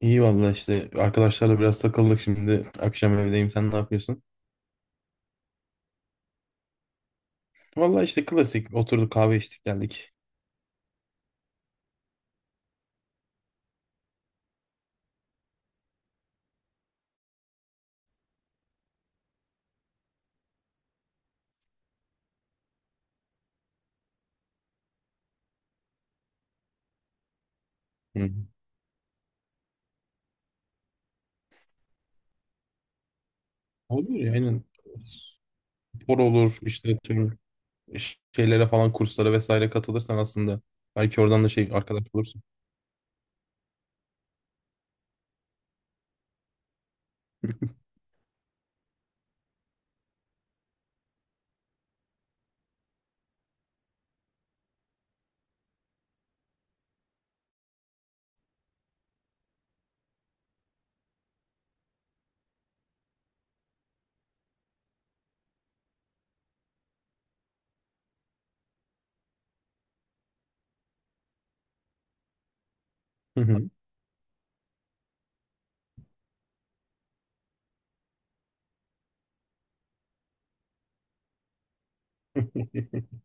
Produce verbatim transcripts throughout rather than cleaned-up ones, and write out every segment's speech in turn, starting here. İyi valla işte arkadaşlarla biraz takıldık şimdi. Akşam evdeyim, sen ne yapıyorsun? Valla işte klasik oturduk, kahve içtik, geldik. Hı. Olur ya, aynen. Spor olur işte, tüm ş- şeylere falan, kurslara vesaire katılırsan aslında. Belki oradan da şey arkadaş bulursun. Hı hı.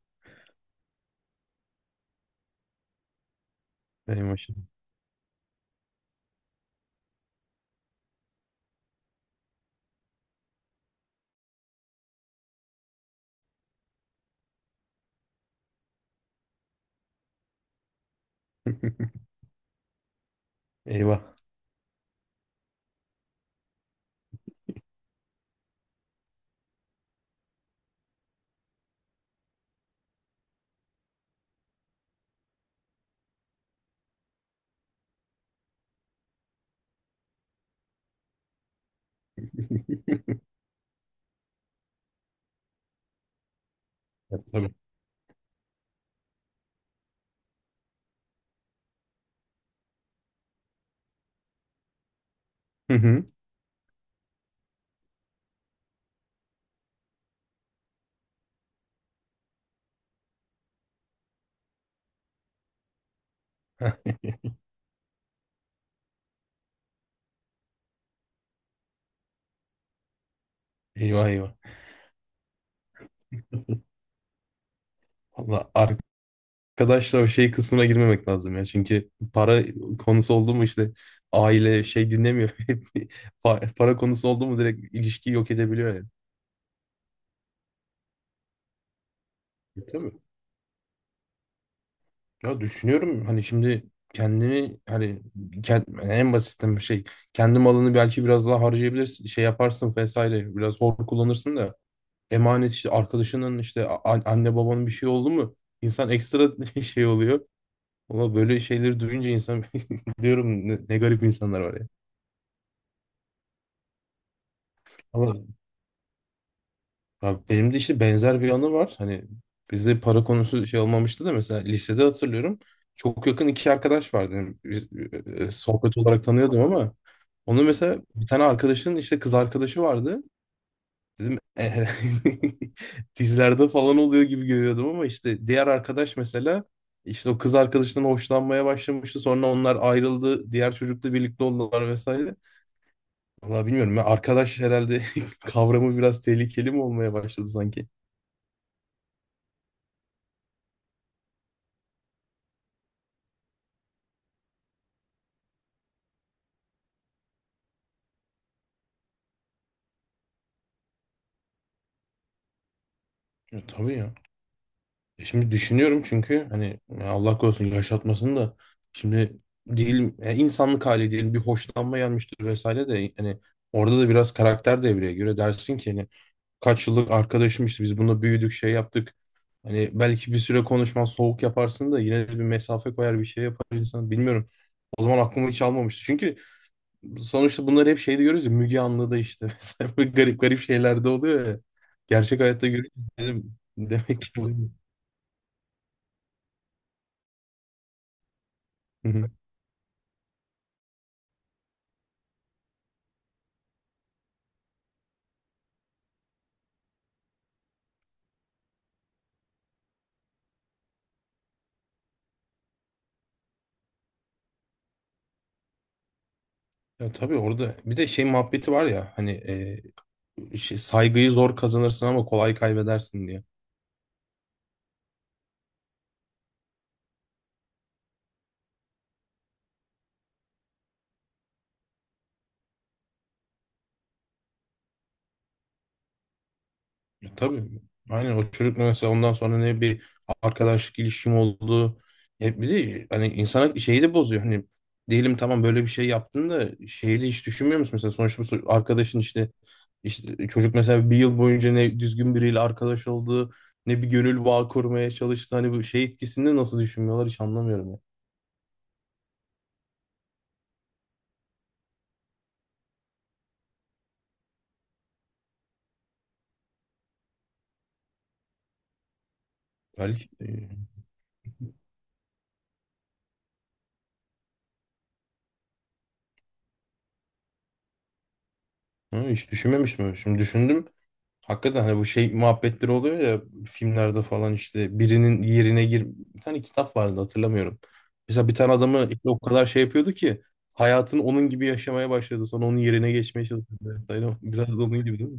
Ey maşallah. Eyvah. Ya, tabii. Hı hı. Eyvah eyvah. Valla ar- arkadaşlar o şey kısmına girmemek lazım ya. Çünkü para konusu oldu mu işte aile şey dinlemiyor. Hep Pa- Para konusu oldu mu direkt ilişkiyi yok edebiliyor yani. E, tabii. Ya, düşünüyorum hani şimdi kendini, hani kend- en basitten bir şey, kendi malını belki biraz daha harcayabilirsin, şey yaparsın vesaire, biraz hor kullanırsın da, emanet işte arkadaşının, işte a- an- anne babanın bir şey oldu mu insan ekstra şey oluyor. Valla böyle şeyleri duyunca insan diyorum, ne, ne garip insanlar var ya. Ama abi benim de işte benzer bir anı var. Hani bizde para konusu şey olmamıştı da, mesela lisede hatırlıyorum. Çok yakın iki arkadaş vardı. Yani biz, e, e, sohbet olarak tanıyordum ama onu, mesela bir tane arkadaşın işte kız arkadaşı vardı. Dedim, "Eh, dizilerde falan oluyor gibi görüyordum ama işte diğer arkadaş, mesela işte o kız arkadaşından hoşlanmaya başlamıştı. Sonra onlar ayrıldı. Diğer çocukla birlikte oldular vesaire. Vallahi bilmiyorum. Ya, arkadaş herhalde kavramı biraz tehlikeli mi olmaya başladı sanki? E, tabii ya. E, Şimdi düşünüyorum, çünkü hani ya Allah korusun, yaşatmasın da, şimdi değil, e, insanlık hali diyelim, bir hoşlanma gelmiştir vesaire de, hani orada da biraz karakter devreye göre dersin ki hani kaç yıllık arkadaşmışız, biz bununla büyüdük, şey yaptık. Hani belki bir süre konuşmaz, soğuk yaparsın da yine de bir mesafe koyar, bir şey yapar insan, bilmiyorum. O zaman aklıma hiç almamıştı. Çünkü sonuçta bunları hep şeyde görüyoruz ya, Müge Anlı'da işte mesela böyle garip garip şeyler de oluyor ya. Gerçek hayatta görüyoruz, dedim. Demek ki bu. Hı hı. Ya tabii, orada bir de şey muhabbeti var ya hani, e, şey, saygıyı zor kazanırsın ama kolay kaybedersin diye. Ya tabii, aynen, o çocukla mesela ondan sonra ne bir arkadaşlık ilişkim oldu. Hep bir de hani insana şeyi de bozuyor. Hani diyelim tamam, böyle bir şey yaptın da şeyi de hiç düşünmüyor musun? Mesela sonuçta bu so- arkadaşın, işte işte çocuk mesela bir yıl boyunca ne düzgün biriyle arkadaş oldu, ne bir gönül bağı kurmaya çalıştı. Hani bu şey etkisini nasıl düşünmüyorlar, hiç anlamıyorum ya. Ali Ha, hiç düşünmemiştim. Şimdi düşündüm. Hakikaten hani bu şey muhabbetleri oluyor ya, filmlerde falan, işte birinin yerine gir... Bir tane kitap vardı, hatırlamıyorum. Mesela bir tane adamı işte o kadar şey yapıyordu ki, hayatını onun gibi yaşamaya başladı. Sonra onun yerine geçmeye çalışıyordu. Aynen, biraz da onun gibi değil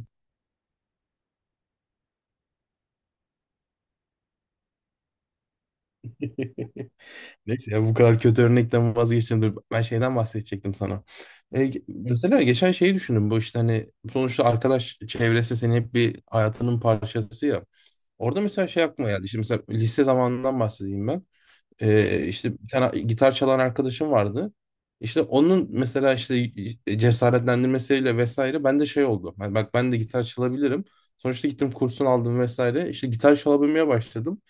mi? Neyse ya, bu kadar kötü örnekten vazgeçtim. Dur, ben şeyden bahsedecektim sana. E, ge- mesela geçen şeyi düşündüm. Bu işte hani sonuçta arkadaş çevresi senin hep bir hayatının parçası ya. Orada mesela şey aklıma geldi. Şimdi mesela lise zamanından bahsedeyim ben. Ee, işte bir tane gitar çalan arkadaşım vardı. İşte onun mesela işte cesaretlendirmesiyle vesaire, ben de şey oldu. Yani bak, ben de gitar çalabilirim. Sonuçta gittim, kursunu aldım vesaire. İşte gitar çalabilmeye başladım.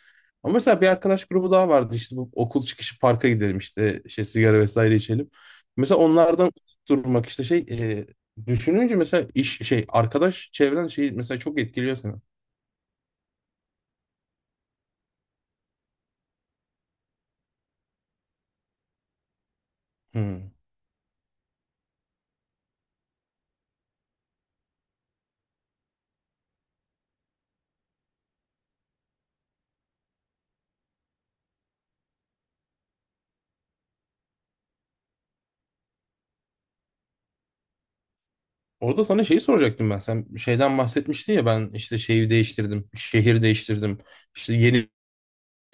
Ama mesela bir arkadaş grubu daha vardı. İşte bu okul çıkışı parka gidelim, işte şey sigara vesaire içelim. Mesela onlardan uzak durmak, işte şey, e, düşününce mesela iş şey arkadaş çevren şey mesela çok etkiliyor seni. Hmm. Orada sana şeyi soracaktım ben. Sen şeyden bahsetmiştin ya, ben işte şeyi değiştirdim, şehir değiştirdim. İşte yeni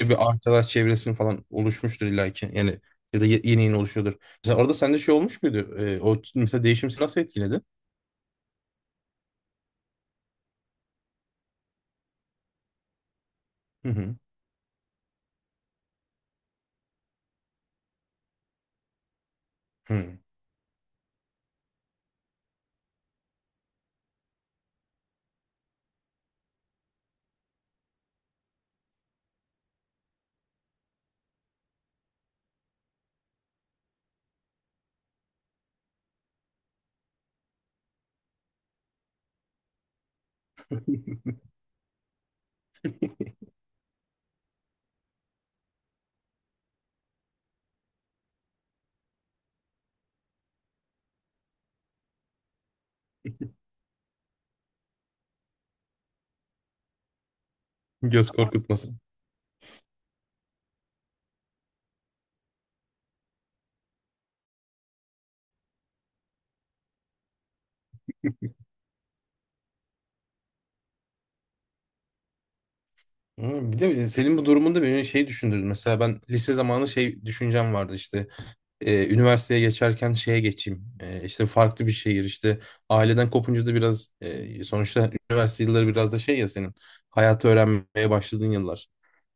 bir arkadaş çevresin falan oluşmuştur illaki. Yani, ya da ye- yeni yeni oluşuyordur. Mesela orada sende şey olmuş muydu? Ee, o mesela değişim seni nasıl etkiledi? Hı hı. Hı. Göz korkutması. Hı, bir de senin bu durumunda beni şey düşündürdü. Mesela ben lise zamanı şey düşüncem vardı işte. E, üniversiteye geçerken şeye geçeyim. E, işte farklı bir şehir, işte aileden kopunca da biraz, e, sonuçta üniversite yılları biraz da şey ya, senin hayatı öğrenmeye başladığın yıllar.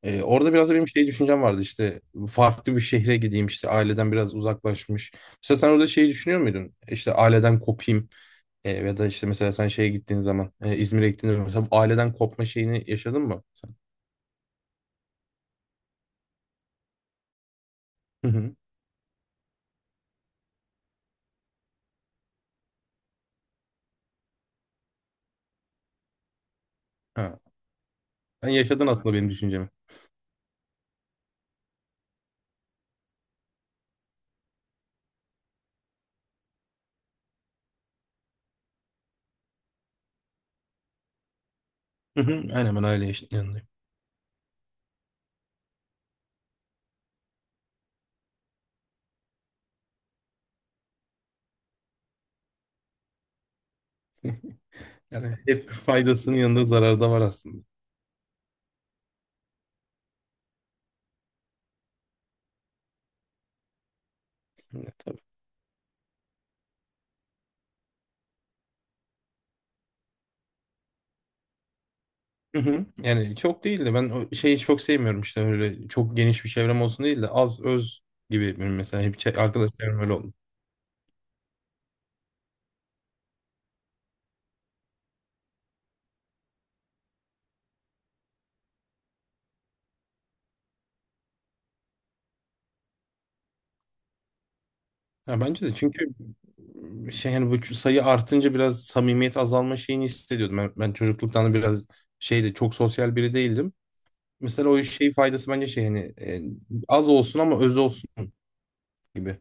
E, orada biraz da benim şey düşüncem vardı işte, farklı bir şehre gideyim işte, aileden biraz uzaklaşmış. Mesela sen orada şeyi düşünüyor muydun? İşte aileden kopayım, e, ya da işte mesela sen şeye gittiğin zaman, e, İzmir'e gittiğinde mesela bu aileden kopma şeyini yaşadın mı sen? Hı hı. Ha. Sen yaşadın aslında benim düşüncemi. Hı hı. Aynen, ben aile yaşadığım. Yani hep faydasının yanında zararı da var aslında. Ya, tabii. Hı hı. Yani çok değil de, ben o şeyi çok sevmiyorum işte, öyle çok geniş bir çevrem olsun değil de, az öz gibi, benim mesela hep çe- arkadaş çevrem öyle oldu. Ya bence de, çünkü şey yani bu sayı artınca biraz samimiyet azalma şeyini hissediyordum. Ben, ben çocukluktan da biraz şeyde çok sosyal biri değildim. Mesela o şey faydası bence şey, hani e, az olsun ama öz olsun gibi.